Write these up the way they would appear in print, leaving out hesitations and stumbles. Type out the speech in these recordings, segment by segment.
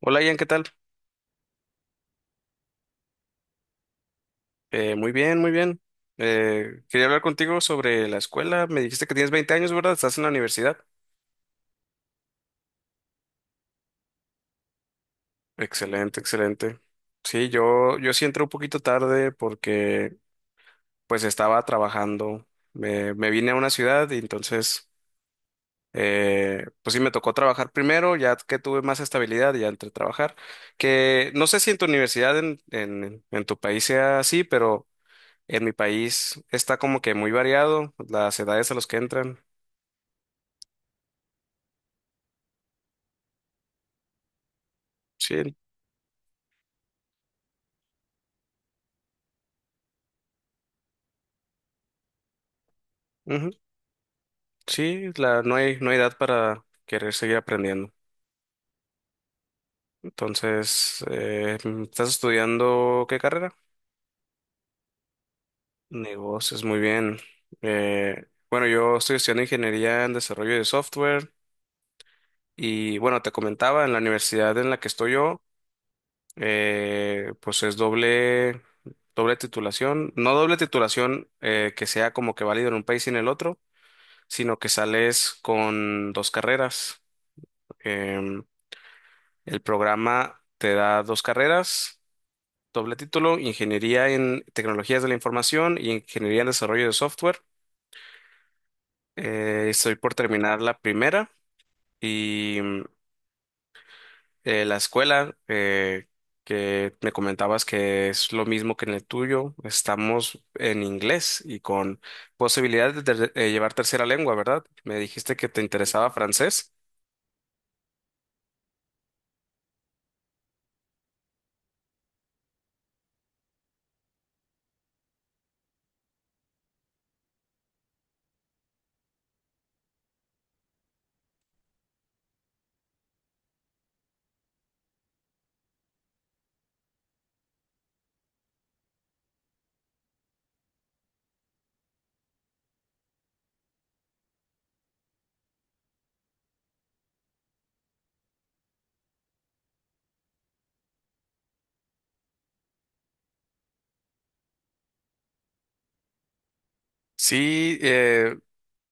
Hola Ian, ¿qué tal? Muy bien, muy bien. Quería hablar contigo sobre la escuela. Me dijiste que tienes 20 años, ¿verdad? Estás en la universidad. Excelente, excelente. Sí, yo sí entré un poquito tarde porque pues estaba trabajando. Me vine a una ciudad y entonces pues sí me tocó trabajar primero, ya que tuve más estabilidad, ya entré a trabajar. Que no sé si en tu universidad, en tu país sea así, pero en mi país está como que muy variado las edades a las que entran. Sí, ujú. Sí, no hay edad para querer seguir aprendiendo. Entonces, ¿estás estudiando qué carrera? Negocios, muy bien. Eh, bueno, yo estoy estudiando ingeniería en desarrollo de software y bueno, te comentaba, en la universidad en la que estoy yo, pues es doble titulación, no doble titulación que sea como que válido en un país y en el otro, sino que sales con dos carreras. Em, El programa te da dos carreras, doble título, Ingeniería en Tecnologías de la Información y Ingeniería en Desarrollo de Software. Estoy por terminar la primera y la escuela, que me comentabas que es lo mismo que en el tuyo, estamos en inglés y con posibilidad de, llevar tercera lengua, ¿verdad? Me dijiste que te interesaba francés. Sí,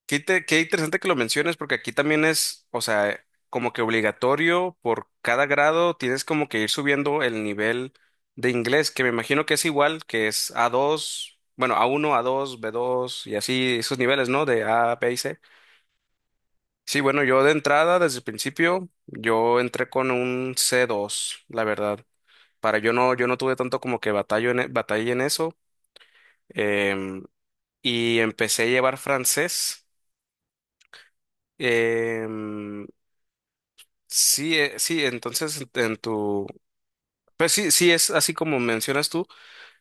Qué interesante que lo menciones, porque aquí también es, o sea, como que obligatorio por cada grado, tienes como que ir subiendo el nivel de inglés, que me imagino que es igual, que es a dos, bueno, a uno, a dos, b dos y así esos niveles, ¿no? De A, B y C. Sí, bueno, yo de entrada, desde el principio, yo entré con un c dos, la verdad. Para yo no tuve tanto como que batalla en eso. em, y empecé a llevar francés. em, sí, entonces en tu, pues sí, sí es así como mencionas tú,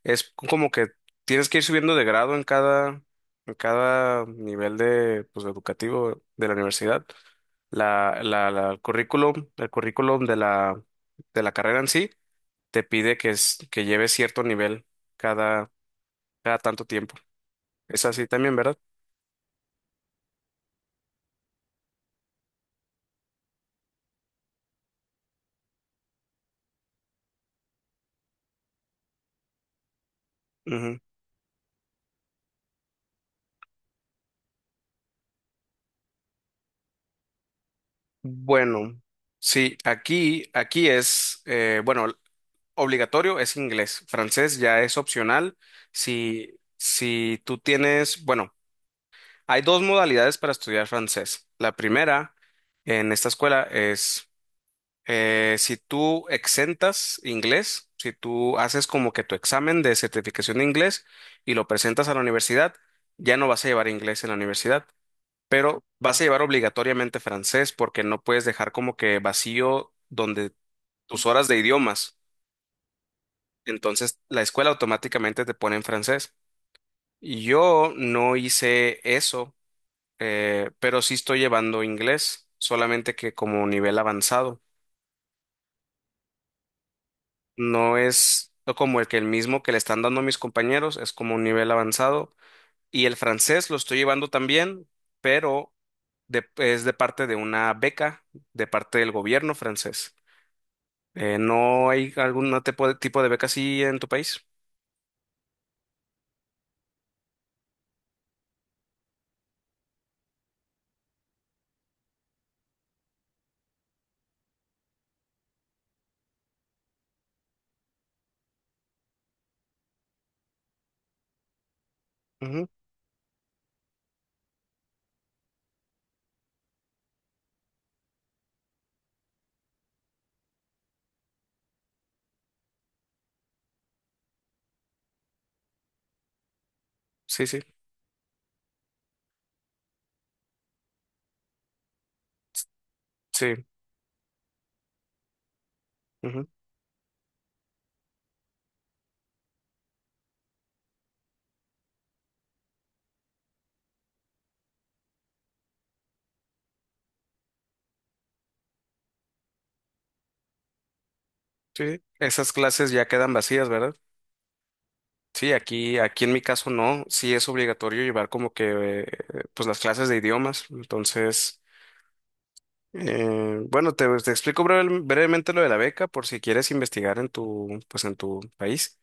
es como que tienes que ir subiendo de grado en cada nivel de, pues, educativo de la universidad. El el currículum de de la carrera en sí te pide que es, que lleves cierto nivel cada, cada tanto tiempo. Es así también, ¿verdad? Ujú. Bueno, sí, aquí es, Obligatorio es inglés. Francés ya es opcional. Si tú tienes, bueno, hay dos modalidades para estudiar francés. La primera en esta escuela es si tú exentas inglés, si tú haces como que tu examen de certificación de inglés y lo presentas a la universidad, ya no vas a llevar inglés en la universidad, pero vas a llevar obligatoriamente francés porque no puedes dejar como que vacío donde tus horas de idiomas. Entonces, la escuela automáticamente te pone en francés. Yo no hice eso, pero sí estoy llevando inglés, solamente que como nivel avanzado. No es no como el que el mismo que le están dando a mis compañeros, es como un nivel avanzado. Y el francés lo estoy llevando también, pero es de parte de una beca, de parte del gobierno francés. ¿No hay algún tipo tipo de beca así en tu país? Ujú, sí, sí, sí. Ujú. Sí, esas clases ya quedan vacías, ¿verdad? Sí, aquí en mi caso no, sí es obligatorio llevar como que, pues las clases de idiomas. Entonces, bueno, te, te explico brevemente lo de la beca por si quieres investigar en tu, pues en tu país.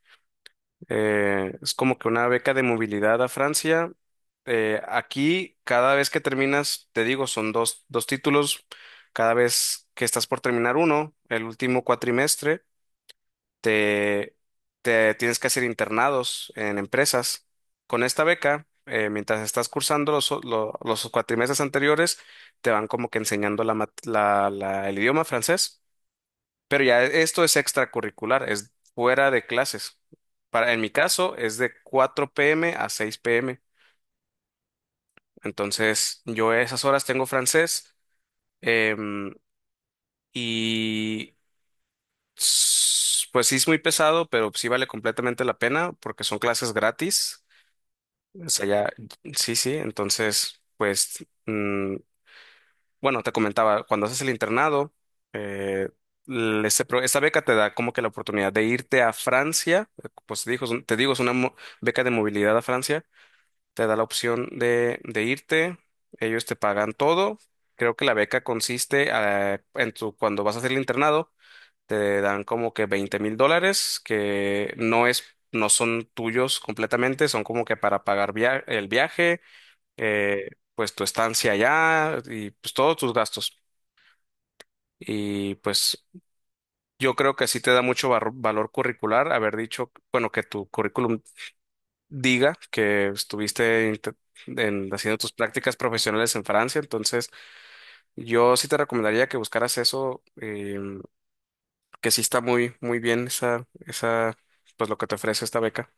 Es como que una beca de movilidad a Francia. Aquí, cada vez que terminas, te digo, son dos, dos títulos. Cada vez que estás por terminar uno, el último cuatrimestre. te, te tienes que hacer internados en empresas. Con esta beca, mientras estás cursando los cuatrimestres anteriores, te van como que enseñando la el idioma francés, pero ya esto es extracurricular, es fuera de clases. Para, en mi caso, es de 4 p.m. a 6 p.m. Entonces, yo a esas horas tengo francés, em, y pues sí es muy pesado, pero sí vale completamente la pena porque son clases gratis. O sea, ya, sí, sí, entonces, bueno, te comentaba, cuando haces el internado, eh, este esta beca te da como que la oportunidad de irte a Francia, pues te digo, te digo, es una beca de movilidad a Francia, te da la opción de irte, ellos te pagan todo, creo que la beca consiste en tu, cuando vas a hacer el internado, te dan como que 20.000 dólares, que no es... No son tuyos completamente, son como que para pagar el viaje, eh, pues tu estancia allá y pues todos tus gastos. Y pues yo creo que sí te da mucho valor curricular haber dicho, bueno, que tu currículum diga que estuviste haciendo tus prácticas profesionales en Francia. Entonces, yo sí te recomendaría que buscaras eso, que sí está muy, muy bien pues lo que te ofrece esta beca.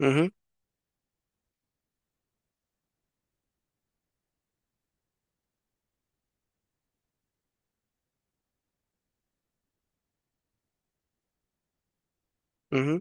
Ujú, ujú.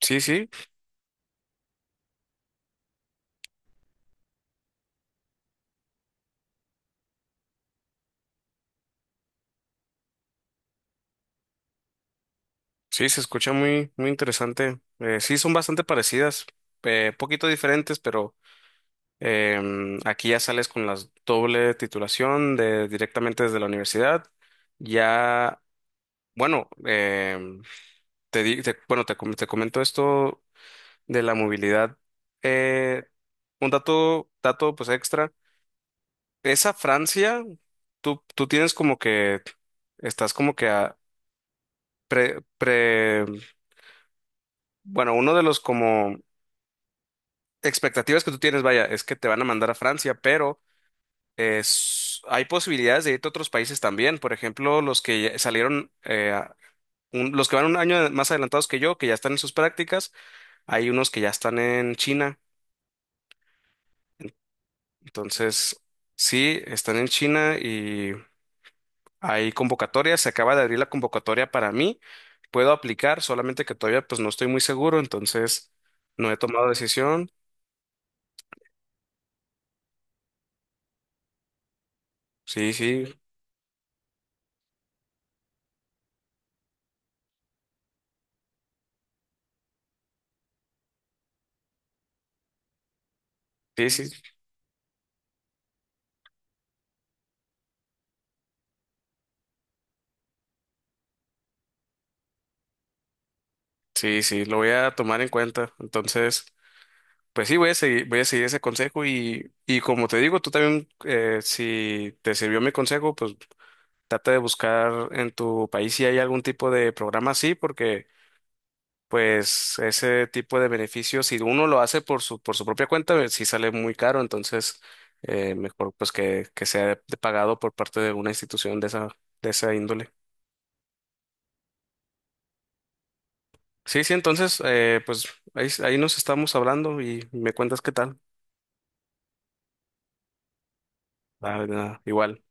Sí, sí, sí, se escucha muy, muy interesante. Sí, son bastante parecidas, poquito diferentes, pero... aquí ya sales con la doble titulación de directamente desde la universidad. Ya, bueno, em, te, di- te- bueno, te, com- te comento esto de la movilidad. Eh, un dato pues extra. Esa Francia, tú tienes como que, estás como que pre, pre, bueno, uno de los como expectativas que tú tienes, vaya, es que te van a mandar a Francia, pero... Es, hay posibilidades de irte a otros países también. Por ejemplo, los que ya salieron, los que van un año más adelantados que yo, que ya están en sus prácticas, hay unos que ya están en China. Entonces, sí, están en China y hay convocatorias. Se acaba de abrir la convocatoria para mí. Puedo aplicar, solamente que todavía pues no estoy muy seguro, entonces no he tomado decisión. Sí, sí, sí, sí, sí, sí, lo voy a tomar en cuenta. Entonces... pues sí, voy a seguir ese consejo y como te digo, tú también, si te sirvió mi consejo, pues trata de buscar en tu país si hay algún tipo de programa así, porque pues ese tipo de beneficios, si uno lo hace por su propia cuenta, sí sale muy caro, entonces mejor pues que sea de pagado por parte de una institución de de esa índole. Sí, sí, entonces pues ahí nos estamos hablando y me cuentas qué tal. Ah, de nada, igual.